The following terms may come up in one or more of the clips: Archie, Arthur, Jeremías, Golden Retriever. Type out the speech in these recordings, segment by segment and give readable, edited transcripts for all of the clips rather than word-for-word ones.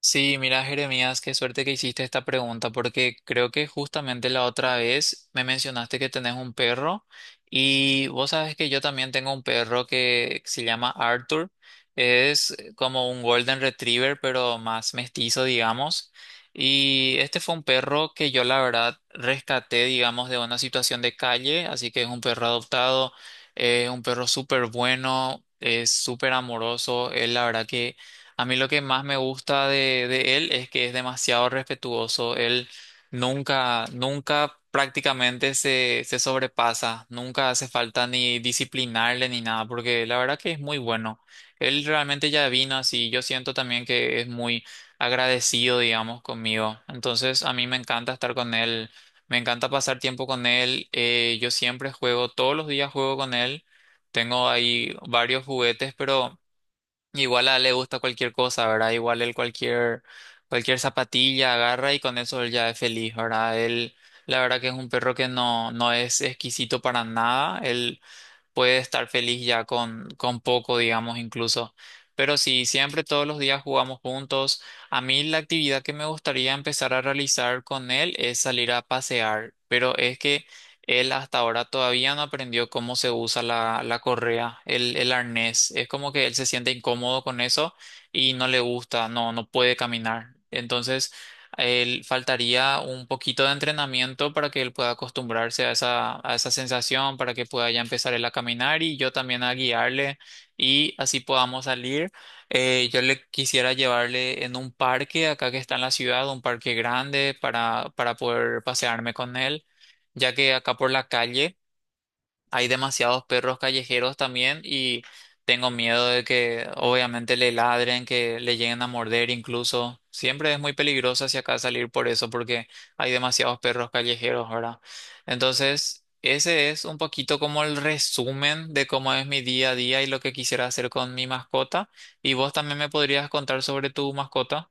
Sí, mira, Jeremías, qué suerte que hiciste esta pregunta, porque creo que justamente la otra vez me mencionaste que tenés un perro y vos sabes que yo también tengo un perro que se llama Arthur. Es como un Golden Retriever, pero más mestizo, digamos. Y este fue un perro que yo la verdad rescaté, digamos, de una situación de calle, así que es un perro adoptado, es un perro súper bueno, es súper amoroso, es la verdad que... A mí lo que más me gusta de él es que es demasiado respetuoso. Él nunca prácticamente se sobrepasa. Nunca hace falta ni disciplinarle ni nada, porque la verdad que es muy bueno. Él realmente ya vino así. Yo siento también que es muy agradecido, digamos, conmigo. Entonces, a mí me encanta estar con él. Me encanta pasar tiempo con él. Yo siempre juego, todos los días juego con él. Tengo ahí varios juguetes, pero... Igual a él le gusta cualquier cosa, ¿verdad? Igual él cualquier zapatilla agarra y con eso él ya es feliz, ¿verdad? Él, la verdad que es un perro que no, no es exquisito para nada. Él puede estar feliz ya con poco, digamos, incluso. Pero sí, siempre todos los días jugamos juntos. A mí la actividad que me gustaría empezar a realizar con él es salir a pasear, pero es que él hasta ahora todavía no aprendió cómo se usa la correa, el arnés. Es como que él se siente incómodo con eso y no le gusta, no, no puede caminar. Entonces él faltaría un poquito de entrenamiento para que él pueda acostumbrarse a esa sensación, para que pueda ya empezar él a caminar y yo también a guiarle y así podamos salir. Yo le quisiera llevarle en un parque acá que está en la ciudad, un parque grande para poder pasearme con él, ya que acá por la calle hay demasiados perros callejeros también y tengo miedo de que obviamente le ladren, que le lleguen a morder incluso. Siempre es muy peligroso hacia acá salir por eso porque hay demasiados perros callejeros, ¿verdad? Entonces, ese es un poquito como el resumen de cómo es mi día a día y lo que quisiera hacer con mi mascota. ¿Y vos también me podrías contar sobre tu mascota?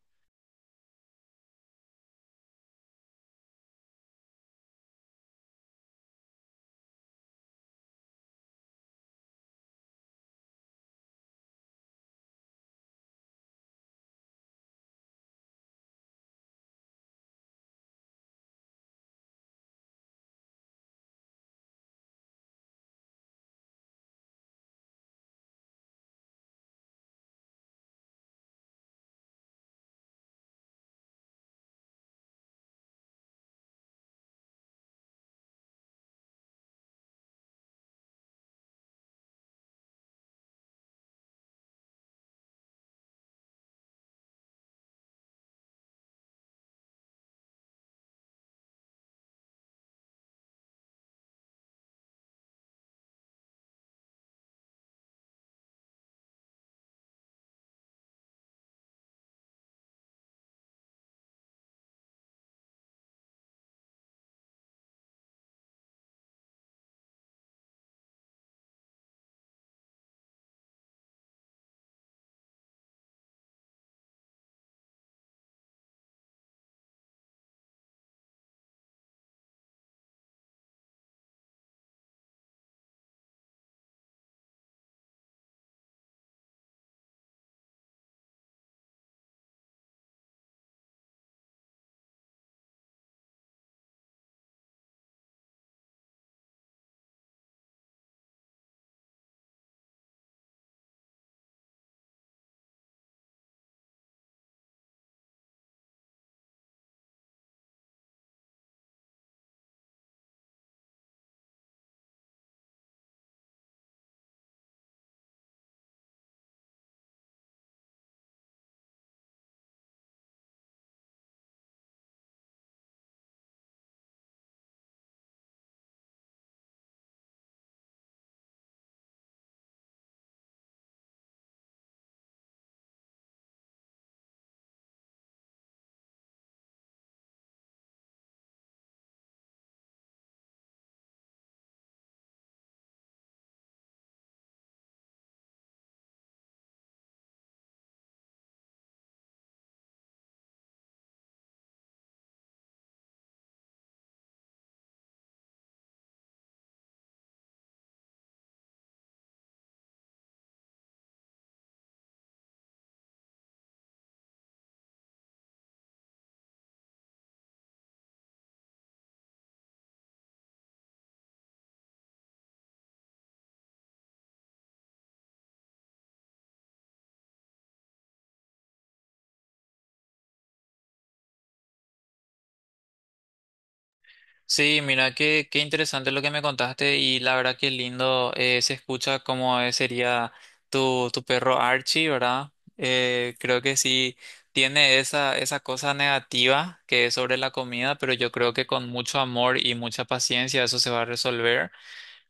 Sí, mira, qué, qué interesante lo que me contaste y la verdad que lindo se escucha cómo es sería tu, tu perro Archie, ¿verdad? Creo que sí tiene esa, esa cosa negativa que es sobre la comida, pero yo creo que con mucho amor y mucha paciencia eso se va a resolver.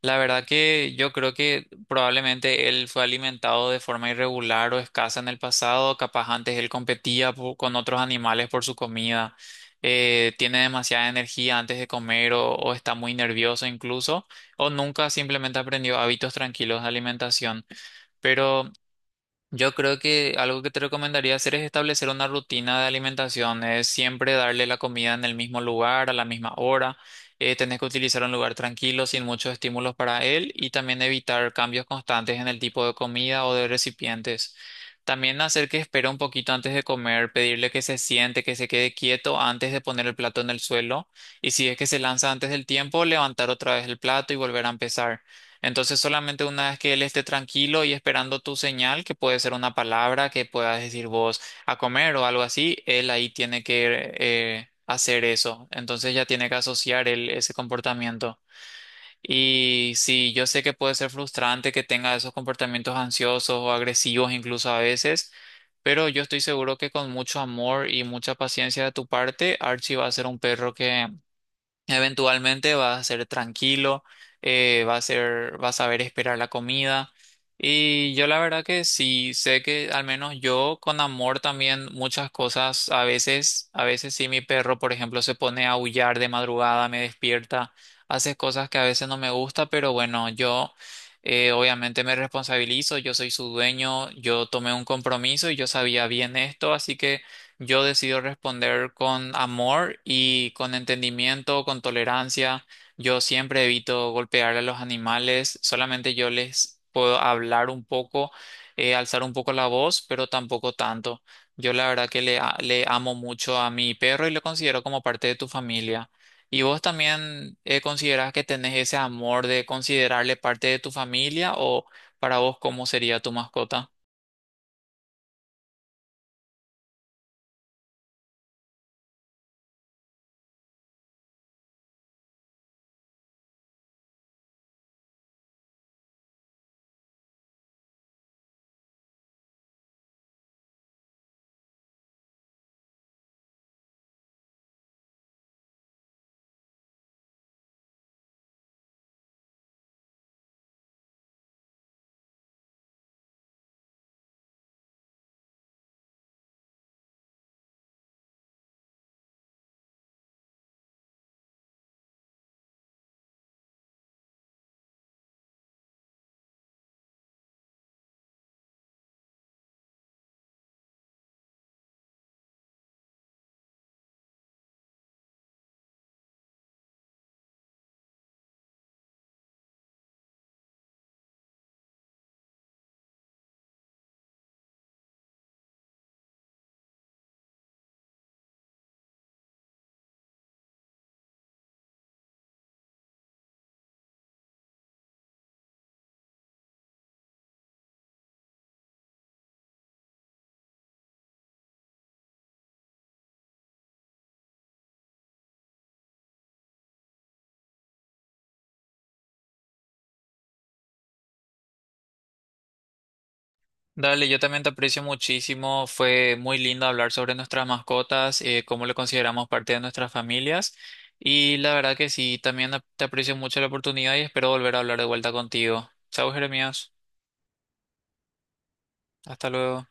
La verdad que yo creo que probablemente él fue alimentado de forma irregular o escasa en el pasado, capaz antes él con otros animales por su comida, tiene demasiada energía antes de comer o está muy nervioso incluso, o nunca simplemente aprendió hábitos tranquilos de alimentación. Pero yo creo que algo que te recomendaría hacer es establecer una rutina de alimentación, es siempre darle la comida en el mismo lugar, a la misma hora. Tenés que utilizar un lugar tranquilo, sin muchos estímulos para él y también evitar cambios constantes en el tipo de comida o de recipientes. También hacer que espere un poquito antes de comer, pedirle que se siente, que se quede quieto antes de poner el plato en el suelo y si es que se lanza antes del tiempo, levantar otra vez el plato y volver a empezar. Entonces solamente una vez que él esté tranquilo y esperando tu señal, que puede ser una palabra que puedas decir vos a comer o algo así, él ahí tiene que hacer eso. Entonces ya tiene que asociar él ese comportamiento. Y sí, yo sé que puede ser frustrante que tenga esos comportamientos ansiosos o agresivos incluso a veces, pero yo estoy seguro que con mucho amor y mucha paciencia de tu parte, Archie va a ser un perro que eventualmente vas a ser tranquilo, va a ser, vas a saber esperar la comida. Y yo la verdad que sí sé que al menos yo con amor también muchas cosas, a veces sí mi perro, por ejemplo, se pone a aullar de madrugada, me despierta, hace cosas que a veces no me gusta, pero bueno, yo obviamente me responsabilizo, yo soy su dueño, yo tomé un compromiso y yo sabía bien esto, así que yo decido responder con amor y con entendimiento, con tolerancia. Yo siempre evito golpear a los animales, solamente yo les puedo hablar un poco, alzar un poco la voz, pero tampoco tanto. Yo la verdad que le amo mucho a mi perro y lo considero como parte de tu familia. ¿Y vos también considerás que tenés ese amor de considerarle parte de tu familia o para vos cómo sería tu mascota? Dale, yo también te aprecio muchísimo. Fue muy lindo hablar sobre nuestras mascotas, cómo le consideramos parte de nuestras familias. Y la verdad que sí, también te aprecio mucho la oportunidad y espero volver a hablar de vuelta contigo. Chao, Jeremías. Hasta luego.